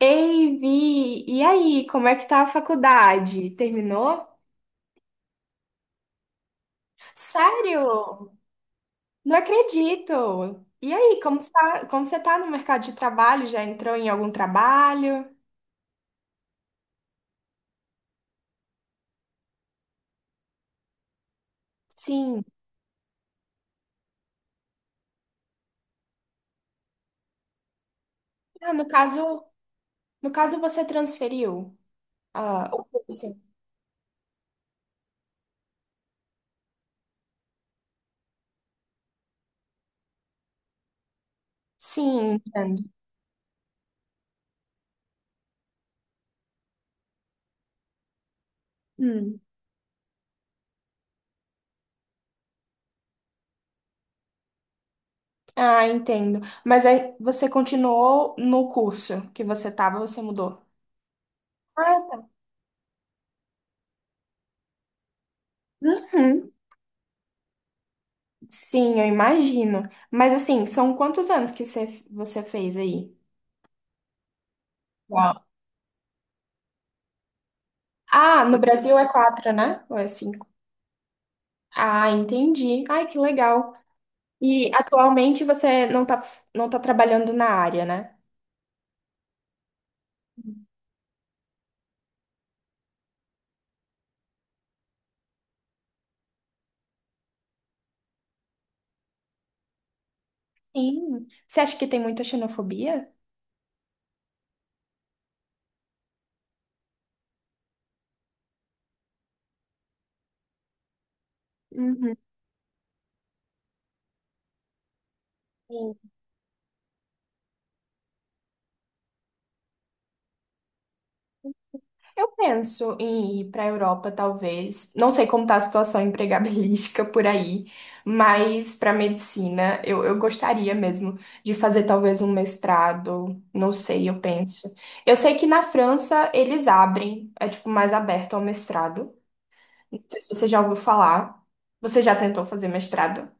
Ei, Vi, e aí, como é que tá a faculdade? Terminou? Sério? Não acredito! E aí, como você tá no mercado de trabalho? Já entrou em algum trabalho? Sim. Ah, no caso você transferiu. Ah, o curso. Sim, entendo. Hum. Ah, entendo. Mas aí você continuou no curso que você tava, você mudou? Ah, tá. Uhum. Sim, eu imagino. Mas assim, são quantos anos que você fez aí? Uau. Ah, no Brasil é quatro, né? Ou é cinco? Ah, entendi. Ai, que legal. E atualmente você não tá, não tá trabalhando na área, né? Sim. Você acha que tem muita xenofobia? Uhum. Eu penso em ir para a Europa, talvez. Não sei como está a situação empregabilística por aí, mas para medicina eu gostaria mesmo de fazer talvez um mestrado. Não sei, eu penso. Eu sei que na França eles abrem, é tipo mais aberto ao mestrado. Não sei se você já ouviu falar. Você já tentou fazer mestrado?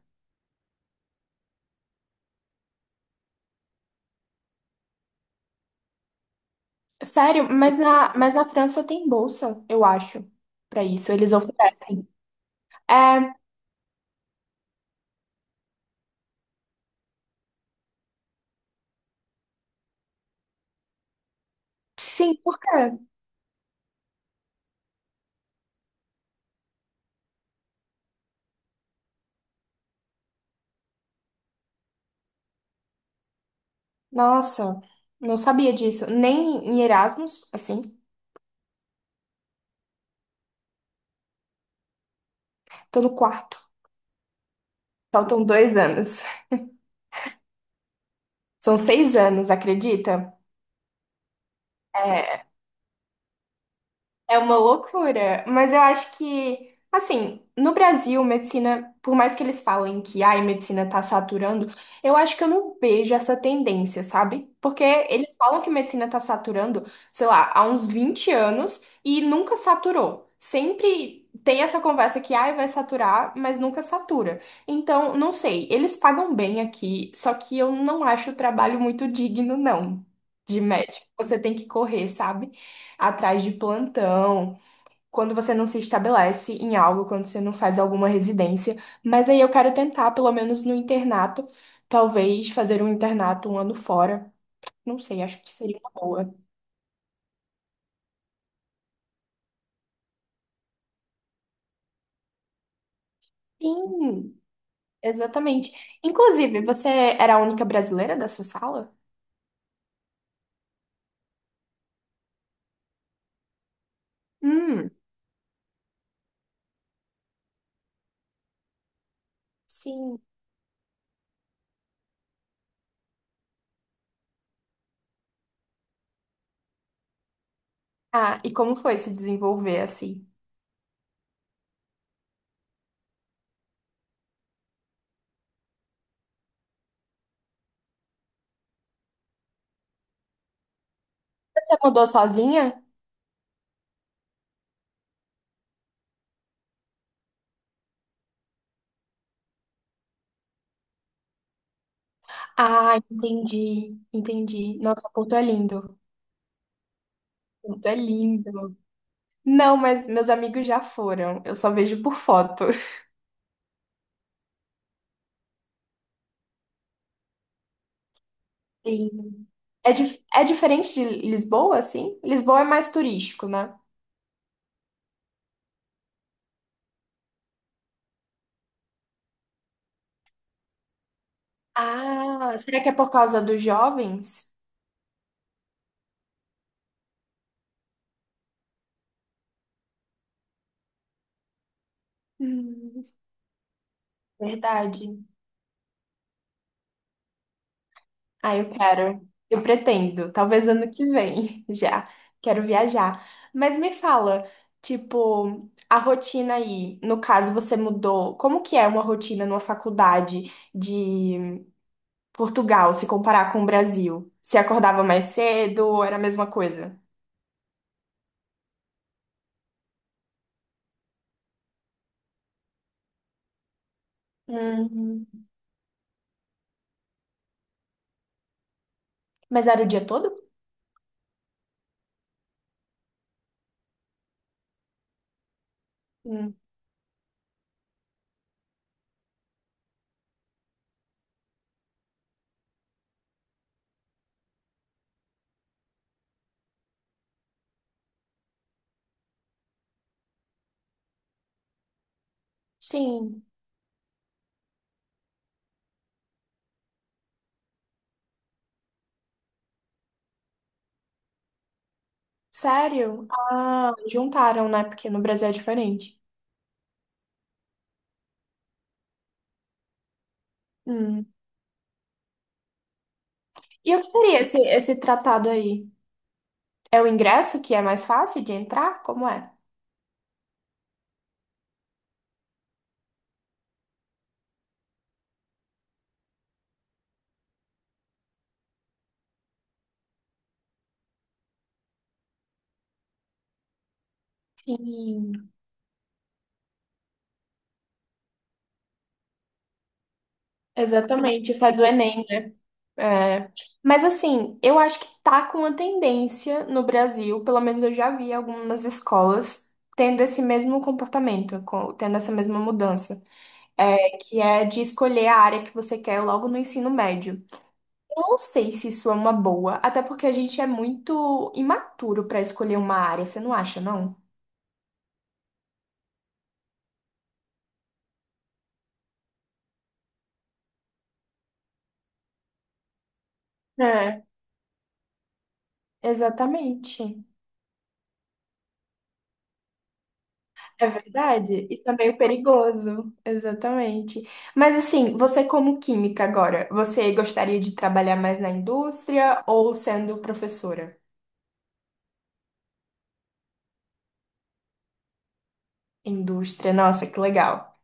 Sério, mas na França tem bolsa, eu acho, para isso. Eles oferecem. É, sim, por quê? Nossa, não sabia disso. Nem em Erasmus, assim. Tô no quarto. Faltam 2 anos. São 6 anos, acredita? É, É uma loucura, mas eu acho que, assim, no Brasil, medicina, por mais que eles falem que ai, medicina tá saturando, eu acho que eu não vejo essa tendência, sabe? Porque eles falam que medicina tá saturando, sei lá, há uns 20 anos e nunca saturou. Sempre tem essa conversa que ai, vai saturar, mas nunca satura. Então, não sei, eles pagam bem aqui, só que eu não acho o trabalho muito digno, não, de médico. Você tem que correr, sabe? Atrás de plantão, quando você não se estabelece em algo, quando você não faz alguma residência. Mas aí eu quero tentar, pelo menos no internato, talvez fazer um internato um ano fora. Não sei, acho que seria uma boa. Sim, exatamente. Inclusive, você era a única brasileira da sua sala? Hum, sim. Ah, e como foi se desenvolver assim? Você mudou sozinha? Ah, entendi, entendi. Nossa, Porto é lindo. Porto é lindo. Não, mas meus amigos já foram. Eu só vejo por foto. Sim. É diferente de Lisboa, assim? Lisboa é mais turístico, né? Ah, será que é por causa dos jovens? Hum, verdade. Ah, eu quero. Eu pretendo. Talvez ano que vem já. Quero viajar. Mas me fala, tipo, a rotina aí. No caso, você mudou. Como que é uma rotina numa faculdade de Portugal, se comparar com o Brasil? Se acordava mais cedo, era a mesma coisa? Uhum. Mas era o dia todo? Hum. Sim. Sério? Ah, juntaram, né? Porque no Brasil é diferente. Hum. E o que seria esse tratado aí? É o ingresso que é mais fácil de entrar? Como é? Sim, exatamente. Faz o Enem. É. Mas assim, eu acho que tá com uma tendência no Brasil, pelo menos eu já vi algumas escolas tendo esse mesmo comportamento, tendo essa mesma mudança, é, que é de escolher a área que você quer logo no ensino médio. Eu não sei se isso é uma boa, até porque a gente é muito imaturo pra escolher uma área, você não acha, não? É, exatamente. É verdade, isso é meio perigoso, exatamente. Mas assim, você como química agora, você gostaria de trabalhar mais na indústria ou sendo professora? Indústria, nossa, que legal.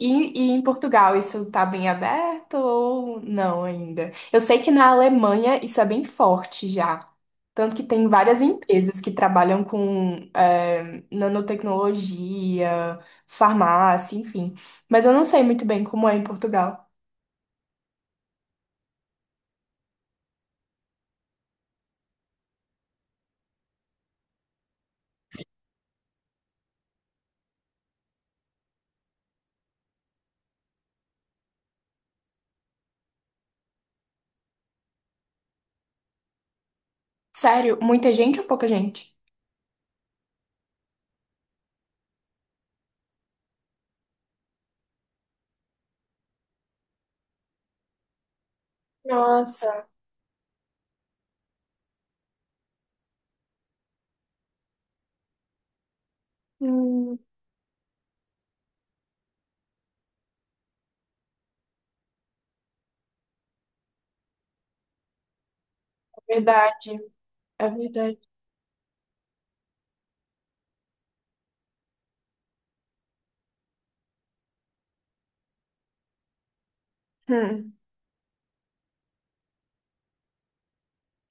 E, e em Portugal, isso tá bem aberto ou não ainda? Eu sei que na Alemanha isso é bem forte já. Tanto que tem várias empresas que trabalham com nanotecnologia, farmácia, enfim. Mas eu não sei muito bem como é em Portugal. Sério, muita gente ou pouca gente? Nossa, hum, é verdade, é verdade. Hum,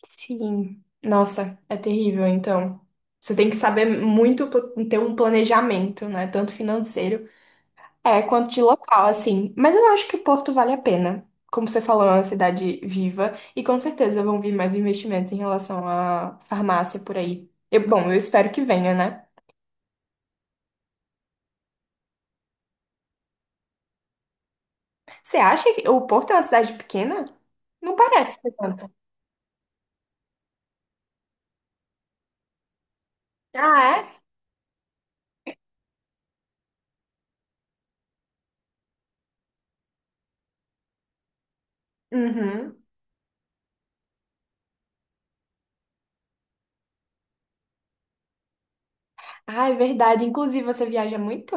sim. Nossa, é terrível, então. Você tem que saber muito ter um planejamento, né? Tanto financeiro, é, quanto de local, assim. Mas eu acho que Porto vale a pena. Como você falou, é uma cidade viva e com certeza vão vir mais investimentos em relação à farmácia por aí. Bom, eu espero que venha, né? Você acha que o Porto é uma cidade pequena? Não parece ser tanto. Ah, é? Uhum. Ah, é verdade. Inclusive, você viaja muito?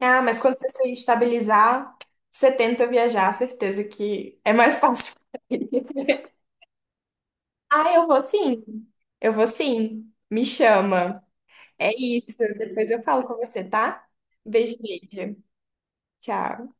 Ah, mas quando você se estabilizar, você tenta viajar, certeza que é mais fácil. Ah, eu vou sim. Eu vou sim. Me chama. É isso. Depois eu falo com você, tá? Beijo, beijo. Tchau.